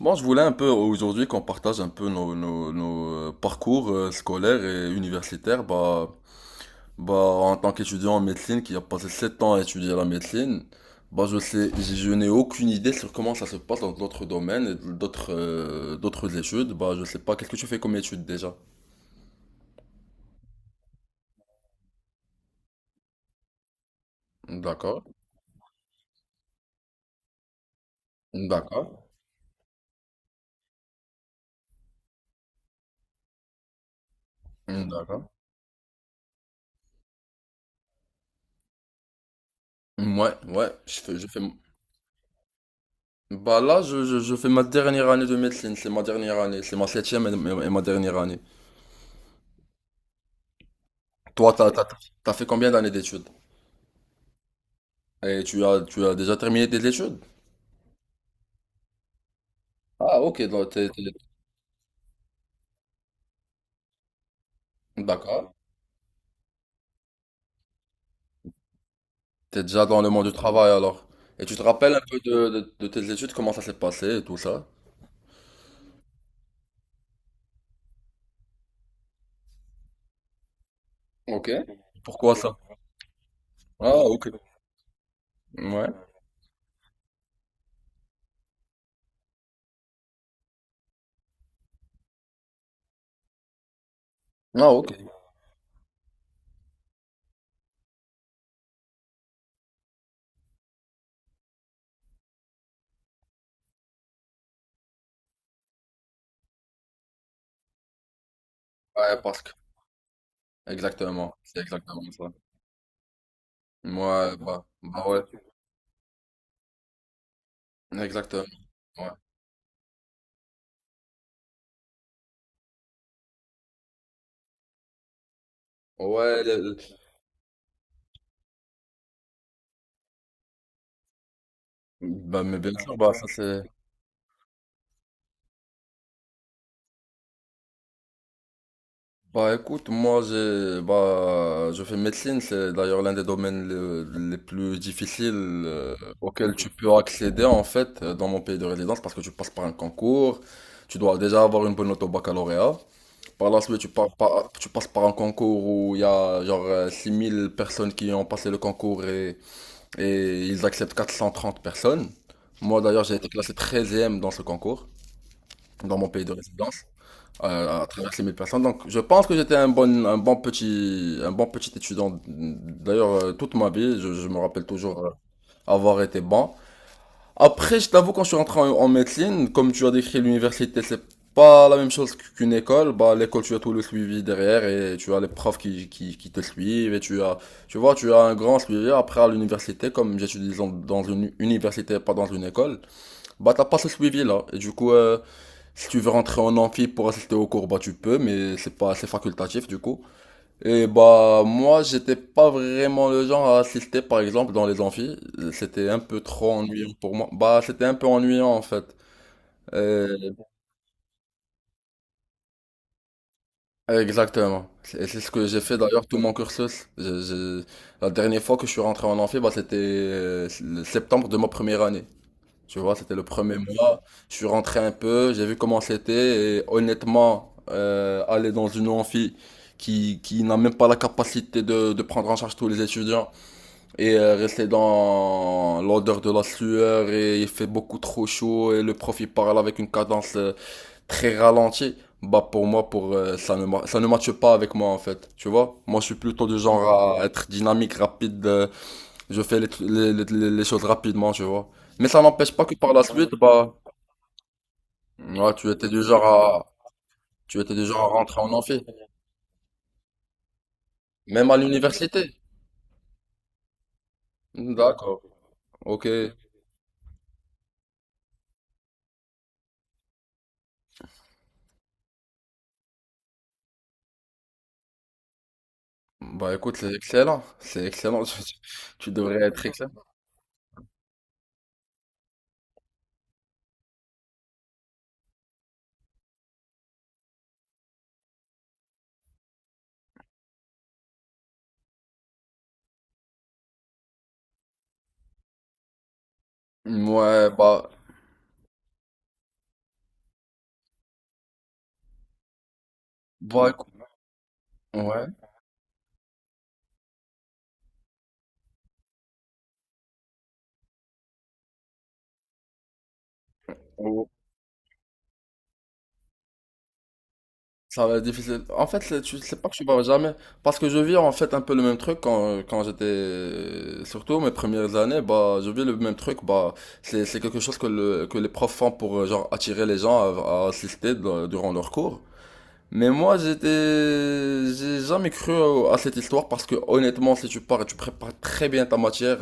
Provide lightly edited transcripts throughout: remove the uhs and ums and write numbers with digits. Moi, je voulais un peu aujourd'hui qu'on partage un peu nos parcours scolaires et universitaires. En tant qu'étudiant en médecine qui a passé 7 ans à étudier la médecine, bah, je n'ai aucune idée sur comment ça se passe dans d'autres domaines et d'autres études. Bah, je sais pas, qu'est-ce que tu fais comme études déjà? D'accord, d'accord, d'accord. Ouais, ouais, je fais. Bah là, je fais ma dernière année de médecine, c'est ma dernière année, c'est ma septième et ma dernière année. Toi, t'as fait combien d'années d'études? Et tu as déjà terminé tes études? Ah, ok, donc d'accord. T'es déjà dans le monde du travail alors. Et tu te rappelles un peu de tes études, comment ça s'est passé et tout ça? Ok. Pourquoi ça? Ah, ok. Ouais. Ah, ok. Ouais, parce que. Exactement. C'est exactement ça. Ouais, bah ouais. Exactement. Ouais. Ouais, le- le- Bah, mais bien sûr, bah, ça c'est. Bah écoute, moi j'ai bah je fais médecine, c'est d'ailleurs l'un des les plus difficiles euh, auxquels tu peux accéder en fait dans mon pays de résidence parce que tu passes par un concours, tu dois déjà avoir une bonne note au baccalauréat. Par la suite, tu passes par un concours où il y a genre 6000 personnes qui ont passé le concours et ils acceptent 430 personnes. Moi d'ailleurs, j'ai été classé 13 dans ce concours, dans mon pays de résidence à travers les 1000 personnes. Donc, je pense que j'étais un bon petit étudiant. D'ailleurs, toute ma vie, je me rappelle toujours avoir été bon. Après, je t'avoue, quand je suis rentré en médecine, comme tu as décrit l'université, c'est pas la même chose qu'une école. Bah, l'école, tu as tout le suivi derrière et tu as les profs qui te suivent et tu as, tu vois, tu as un grand suivi. Après, à l'université, comme j'étudie dans une université, pas dans une école, bah, t'as pas ce suivi-là. Du coup, si tu veux rentrer en amphi pour assister au cours, bah tu peux, mais c'est pas assez facultatif du coup. Et bah moi j'étais pas vraiment le genre à assister par exemple dans les amphis, c'était un peu trop ennuyant pour moi. Bah c'était un peu ennuyant en fait. Euh, Exactement. Et c'est ce que j'ai fait d'ailleurs tout mon cursus. La dernière fois que je suis rentré en amphi, bah c'était le septembre de ma première année. Tu vois, c'était le premier mois. Je suis rentré un peu, j'ai vu comment c'était. Et honnêtement, aller dans une amphi qui n'a même pas la capacité de prendre en charge tous les étudiants et rester dans l'odeur de la sueur et il fait beaucoup trop chaud et le prof il parle avec une cadence très ralentie. Bah pour moi, pour ça ne ma- ça ne matche pas avec moi en fait. Tu vois, moi je suis plutôt du genre à être dynamique, rapide. Je fais les choses rapidement, tu vois. Mais ça n'empêche pas que par la suite, bah, ouais, tu étais du genre à rentrer en amphi. Même à l'université. D'accord. Ok. Bah, écoute, c'est excellent. C'est excellent. Tu devrais être excellent. Ouais, bah, ouais. Ça va être difficile. En fait, tu sais pas que tu vas jamais. Parce que je vis en fait un peu le même truc quand j'étais. Surtout mes premières années, bah, je vis le même truc. Bah, c'est quelque chose que les profs font pour genre attirer les gens à assister durant leurs cours. Mais moi, j'étais, j'ai jamais cru à cette histoire parce que honnêtement, si tu pars et tu prépares très bien ta matière,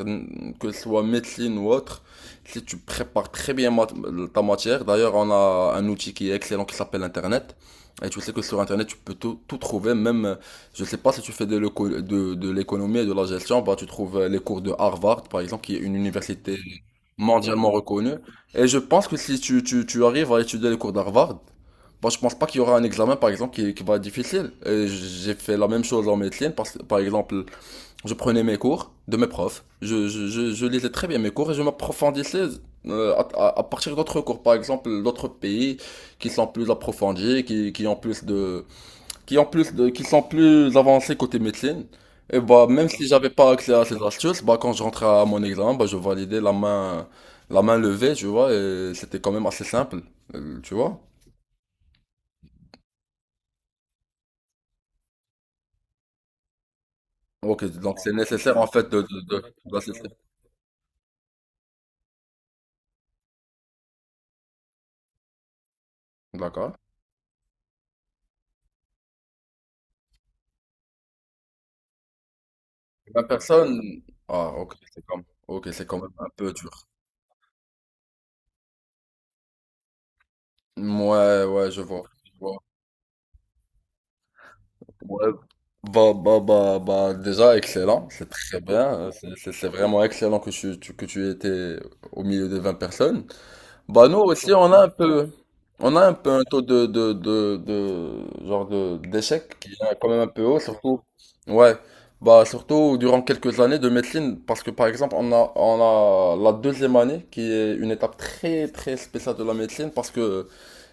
que ce soit médecine ou autre, si tu prépares ta matière, d'ailleurs, on a un outil qui est excellent qui s'appelle Internet. Et tu sais que sur Internet, tu peux tout trouver, même, je sais pas si tu fais de l'économie et de la gestion, bah, tu trouves les cours de Harvard, par exemple, qui est une université mondialement reconnue. Et je pense que si tu arrives à étudier les cours d'Harvard, bon, je pense pas qu'il y aura un examen, par exemple, qui va être difficile. Et j'ai fait la même chose en médecine, parce que, par exemple, je prenais mes cours de mes profs, je lisais très bien mes cours et je m'approfondissais à partir d'autres cours, par exemple, d'autres pays qui sont plus approfondis, qui ont plus de, qui sont plus avancés côté médecine. Et bah, même si j'avais pas accès à ces astuces, bah, quand je rentrais à mon examen, bah, je validais la main levée, tu vois, et c'était quand même assez simple, tu vois. OK, donc c'est nécessaire en fait de d'assister. D'accord. 20 personnes? Ah OK, c'est quand même un peu dur. Ouais ouais, je vois. Ouais, bah, déjà excellent, c'est très bien, hein, c'est c'est vraiment excellent que tu tu que tu étais au milieu des 20 personnes. Bah nous aussi un peu on a un peu un taux de d'échec qui est quand même un peu haut surtout ouais bah surtout durant quelques années de médecine parce que par exemple on a la deuxième année qui est une étape très très spéciale de la médecine parce que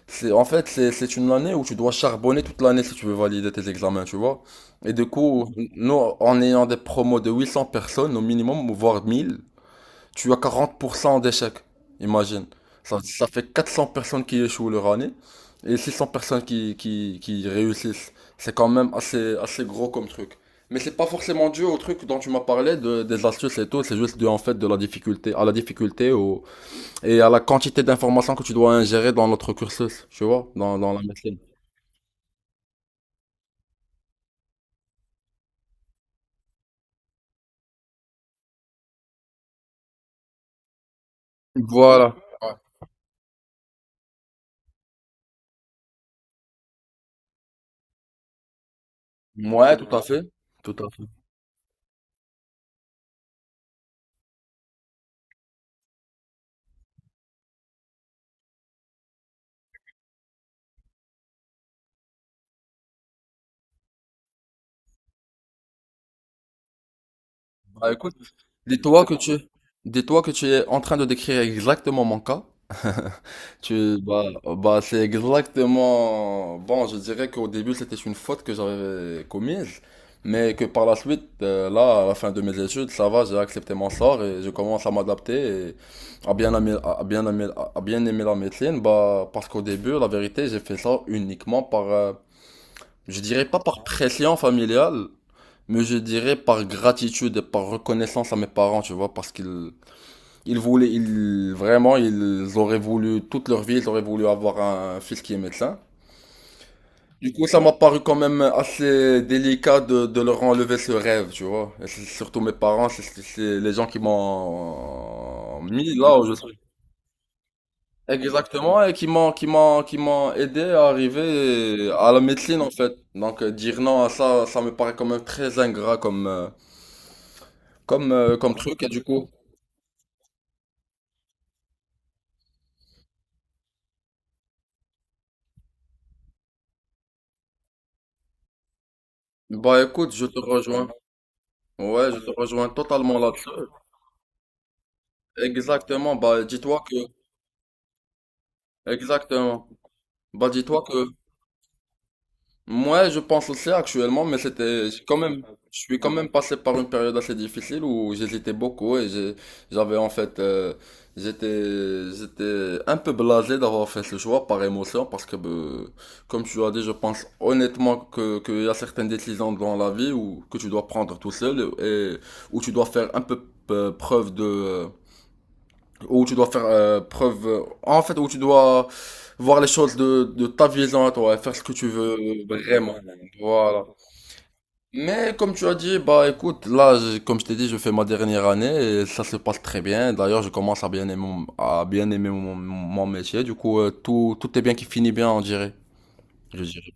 c'est en fait c'est une année où tu dois charbonner toute l'année si tu veux valider tes examens tu vois et du coup nous en ayant des promos de 800 personnes au minimum voire 1000 tu as 40% d'échecs, imagine. Ça fait 400 personnes qui échouent leur année et 600 personnes qui réussissent. C'est quand même assez gros comme truc. Mais c'est pas forcément dû au truc dont tu m'as parlé, des astuces et tout, c'est juste dû en fait de la difficulté, à la difficulté au, et à la quantité d'informations que tu dois ingérer dans notre cursus, tu vois, dans la médecine. Voilà. Ouais, ouais, tout à fait. Tout à fait. Bah écoute, dis-toi que tu, dis-toi que tu es en train de décrire exactement mon cas. Tu, bah, c'est exactement. Bon, je dirais qu'au début, c'était une faute que j'avais commise, mais que par la suite, là, à la fin de mes études, ça va, j'ai accepté mon sort et je commence à m'adapter et à bien aimer, à bien aimer, à bien aimer la médecine. Bah, parce qu'au début, la vérité, j'ai fait ça uniquement par, je dirais pas par pression familiale, mais je dirais par gratitude et par reconnaissance à mes parents, tu vois, parce qu'ils ils voulaient, ils, vraiment, ils auraient voulu, toute leur vie, ils auraient voulu avoir un fils qui est médecin. Du coup, ça m'a paru quand même assez délicat de leur enlever ce rêve, tu vois. Et c'est surtout mes parents, c'est c'est les gens qui m'ont mis là où je suis. Exactement, et qui m'ont aidé à arriver à la médecine, en fait. Donc, dire non à ça, ça me paraît quand même très ingrat comme truc, et du coup. Bah, écoute, je te rejoins. Ouais, je te rejoins totalement là-dessus. Exactement, bah dis-toi que exactement. Bah dis-toi que moi je pense aussi actuellement, mais c'était j'ai quand même je suis quand même passé par une période assez difficile où j'hésitais beaucoup et j'avais en fait euh, j'étais un peu blasé d'avoir fait ce choix par émotion parce que bah, comme tu as dit, je pense honnêtement que qu'il y a certaines décisions dans la vie où que tu dois prendre tout seul et où tu dois faire un peu preuve de où tu dois faire preuve, en fait, où tu dois voir les choses de ta vision à toi, et faire ce que tu veux vraiment. Voilà. Mais comme tu as dit, bah écoute, comme je t'ai dit, je fais ma dernière année et ça se passe très bien. D'ailleurs, je commence à bien aimer mon, mon métier. Du coup, tout est bien qui finit bien, on dirait. Je dirais.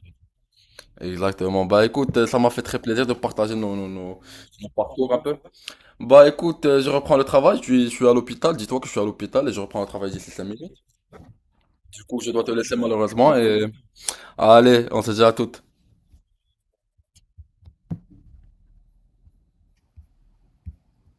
Exactement. Bah écoute, ça m'a fait très plaisir de partager nos parcours un peu. Bah écoute, je reprends le travail, je suis à l'hôpital, dis-toi que je suis à l'hôpital et je reprends le travail d'ici 5 Du coup, je dois te laisser malheureusement. Et... Allez, on se dit à toutes.